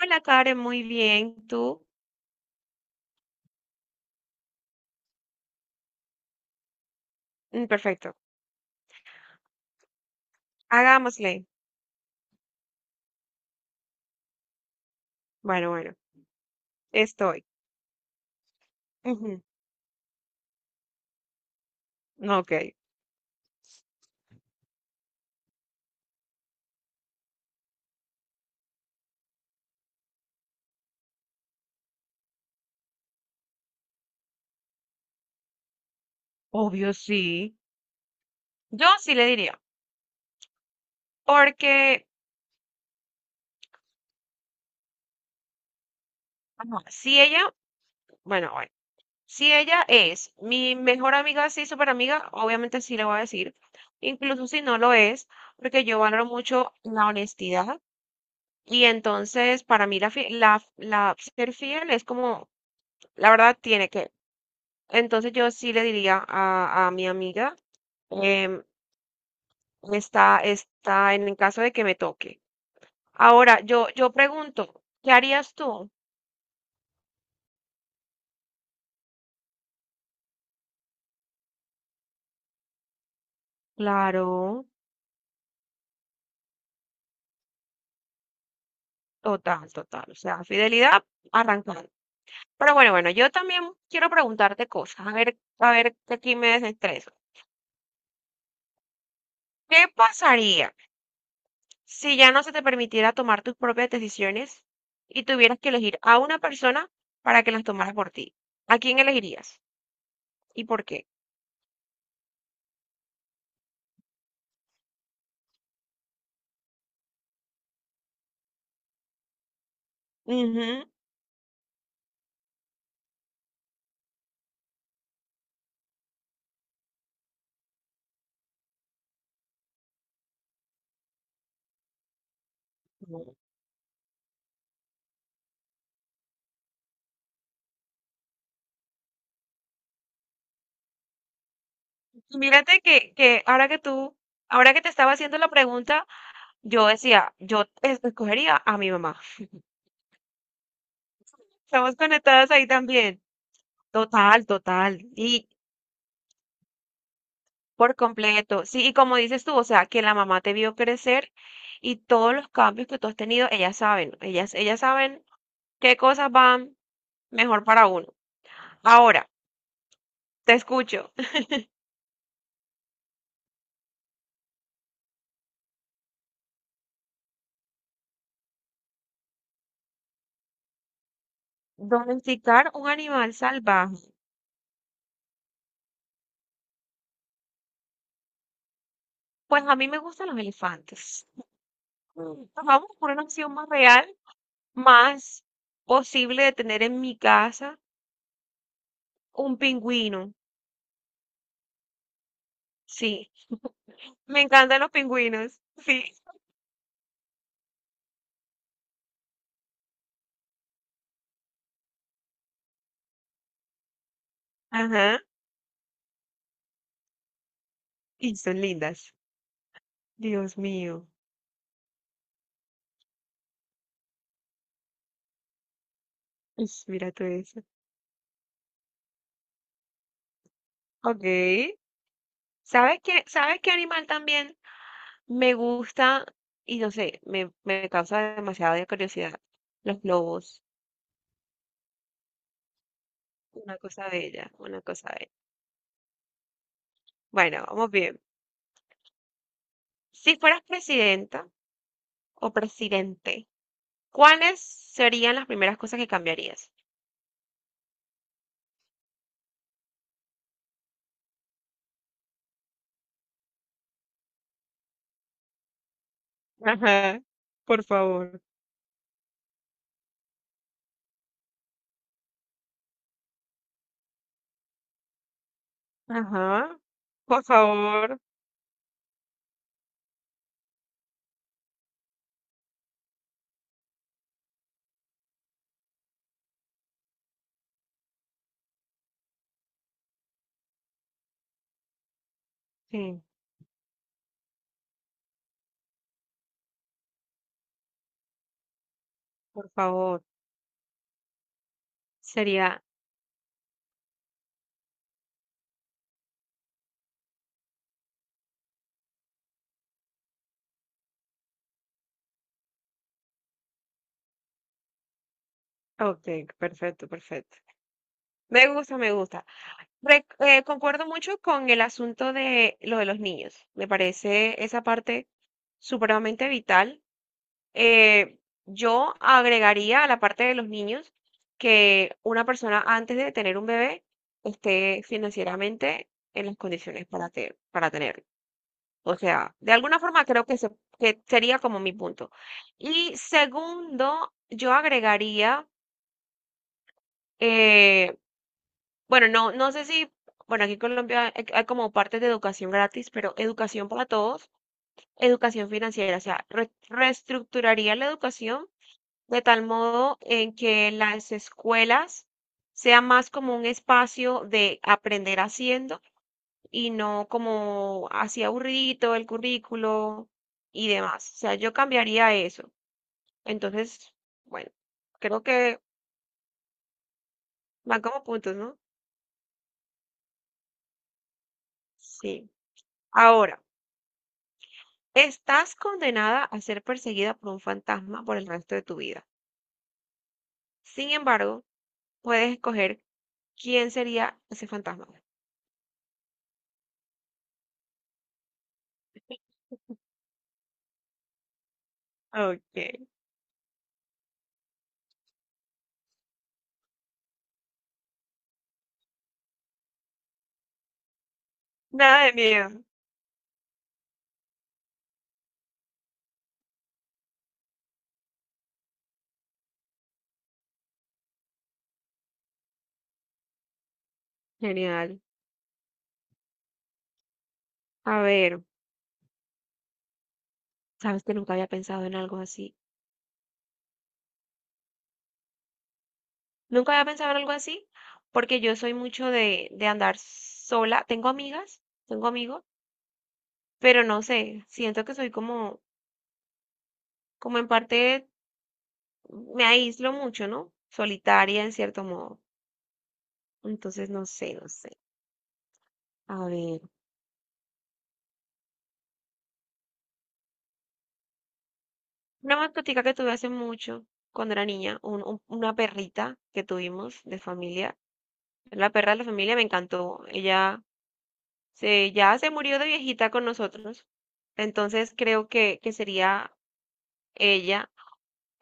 Hola, Karen, muy bien. ¿Tú? Perfecto. Hagámosle. Bueno, bueno, estoy. Ujú. Ok, obvio sí. Yo sí le diría, porque ajá, si ella, bueno, bueno, si ella es mi mejor amiga, sí, súper amiga, obviamente sí le voy a decir, incluso si no lo es, porque yo valoro mucho la honestidad y entonces para mí la ser fiel es como, la verdad tiene que. Entonces yo sí le diría a mi amiga. em, Está, está en el caso de que me toque. Ahora, yo pregunto, ¿qué harías tú? Claro, total, total. O sea, fidelidad, arrancando. Pero yo también quiero preguntarte cosas. A ver, que aquí me desestreso. ¿Qué pasaría si ya no se te permitiera tomar tus propias decisiones y tuvieras que elegir a una persona para que las tomara por ti? ¿A quién elegirías? ¿Y por qué? Ujú. Mírate que ahora que tú, ahora que te estaba haciendo la pregunta, yo decía, yo escogería a mi mamá. Estamos conectadas ahí también. Total, total. Y por completo. Sí, y como dices tú, o sea, que la mamá te vio crecer y todos los cambios que tú has tenido, ellas saben, ellas saben qué cosas van mejor para uno. Ahora, te escucho. Domesticar un animal salvaje. Pues a mí me gustan los elefantes. Vamos por una opción más real más posible de tener en mi casa un pingüino. Sí, me encantan los pingüinos. Sí, ajá. Y son lindas. Dios mío. Mira todo eso. Ok. ¿Sabes qué? ¿Sabes qué animal también me gusta? Y no sé, me causa demasiada curiosidad. Los lobos. Una cosa bella, una cosa bella. Bueno, vamos bien. Si fueras presidenta o presidente, ¿cuáles serían las primeras cosas que cambiarías? Ajá, por favor. Ajá, por favor. Sí, por favor. Sería, ok, perfecto, perfecto. Me gusta, me gusta. Concuerdo mucho con el asunto de lo de los niños. Me parece esa parte supremamente vital. Eh, yo agregaría a la parte de los niños que una persona antes de tener un bebé esté financieramente en las condiciones para tenerlo. O sea, de alguna forma creo que sería como mi punto. Y segundo, yo agregaría, eh, bueno, no, no sé si, bueno, aquí en Colombia hay, hay como partes de educación gratis, pero educación para todos, educación financiera, o sea, reestructuraría la educación de tal modo en que las escuelas sea más como un espacio de aprender haciendo y no como así aburridito el currículo y demás. O sea, yo cambiaría eso. Entonces, bueno, creo que van como puntos, ¿no? Sí. Ahora, estás condenada a ser perseguida por un fantasma por el resto de tu vida. Sin embargo, puedes escoger quién sería ese fantasma. Ok. Nada de miedo. Genial. A ver, sabes que nunca había pensado en algo así. Nunca había pensado en algo así, porque yo soy mucho de andar sola. Tengo amigas, tengo amigos, pero no sé, siento que soy como, como en parte me aíslo mucho, ¿no? Solitaria en cierto modo. Entonces, no sé, no sé. A ver, una mascotica que tuve hace mucho, cuando era niña, una perrita que tuvimos de familia. La perra de la familia me encantó. Ella ya se murió de viejita con nosotros. Entonces creo que sería ella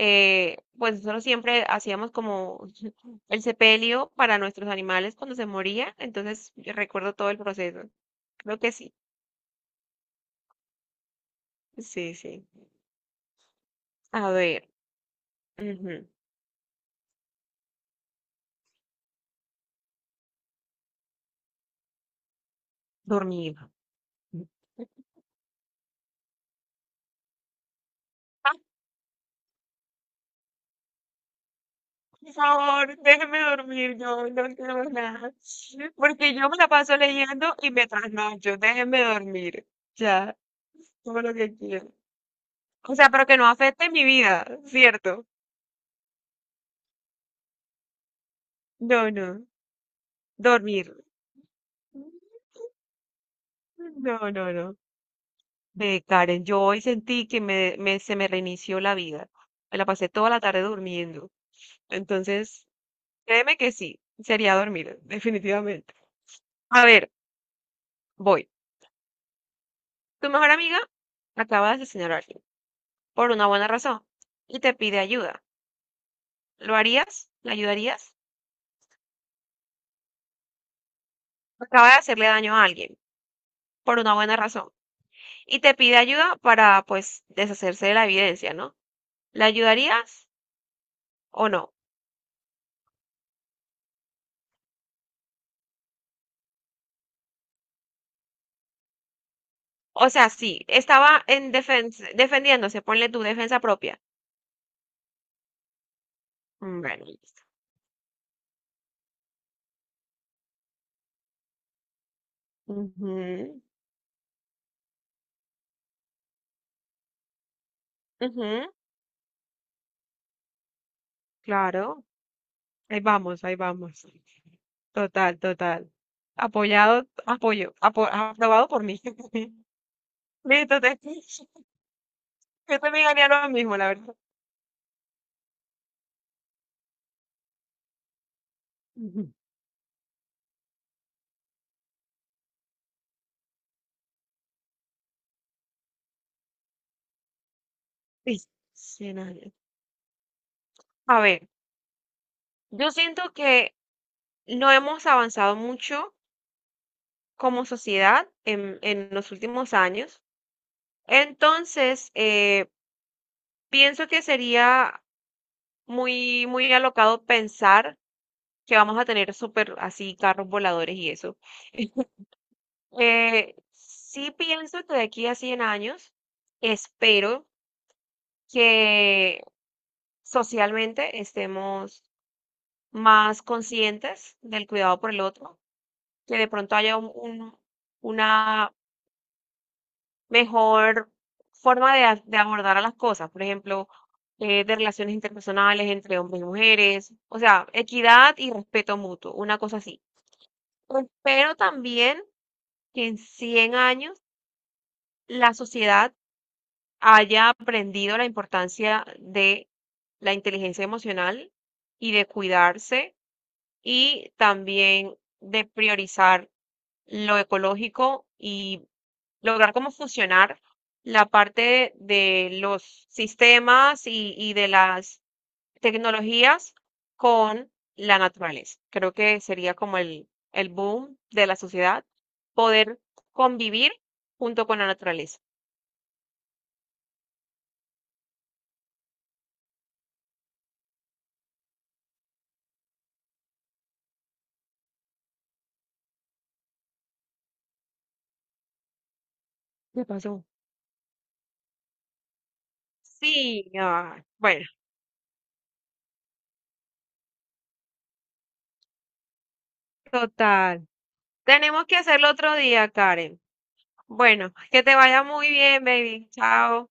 pues nosotros siempre hacíamos como el sepelio para nuestros animales cuando se moría, entonces yo recuerdo todo el proceso. Creo que sí, sí, sí. A ver, ujú. Dormir. Ah, por favor, déjeme dormir, yo no quiero nada, porque yo me la paso leyendo y me trasnocho, déjeme dormir, ya, todo lo que quiero. O sea, pero que no afecte mi vida, ¿cierto? No, no, dormir. No, no, no. Ve, Karen, yo hoy sentí que se me reinició la vida. Me la pasé toda la tarde durmiendo. Entonces, créeme que sí, sería dormir, definitivamente. A ver, voy. Tu mejor amiga acaba de asesinar a alguien por una buena razón y te pide ayuda. ¿Lo harías? ¿La ayudarías? Acaba de hacerle daño a alguien por una buena razón y te pide ayuda para, pues, deshacerse de la evidencia, ¿no? ¿La ayudarías o no? O sea, sí, estaba en defensa, defendiéndose, ponle tu defensa propia. Bueno, listo. Ujú, ujú, claro, ahí vamos, ahí vamos. Total, total. Aprobado por mí. Listo, te, yo también haría lo mismo, la verdad. Ujú. Listo, 100 años. A ver, yo siento que no hemos avanzado mucho como sociedad en los últimos años. Entonces, pienso que sería muy, muy alocado pensar que vamos a tener súper así carros voladores y eso. Sí pienso que de aquí a 100 años espero que socialmente estemos más conscientes del cuidado por el otro, que de pronto haya una mejor forma de abordar a las cosas, por ejemplo, de relaciones interpersonales entre hombres y mujeres, o sea, equidad y respeto mutuo, una cosa así. Pero también que en 100 años la sociedad haya aprendido la importancia de la inteligencia emocional y de cuidarse y también de priorizar lo ecológico y lograr cómo funcionar la parte de los sistemas y de las tecnologías con la naturaleza. Creo que sería como el boom de la sociedad, poder convivir junto con la naturaleza. ¿Qué pasó? Sí, ah, bueno, total. Tenemos que hacerlo otro día, Karen. Bueno, que te vaya muy bien, baby. Chao.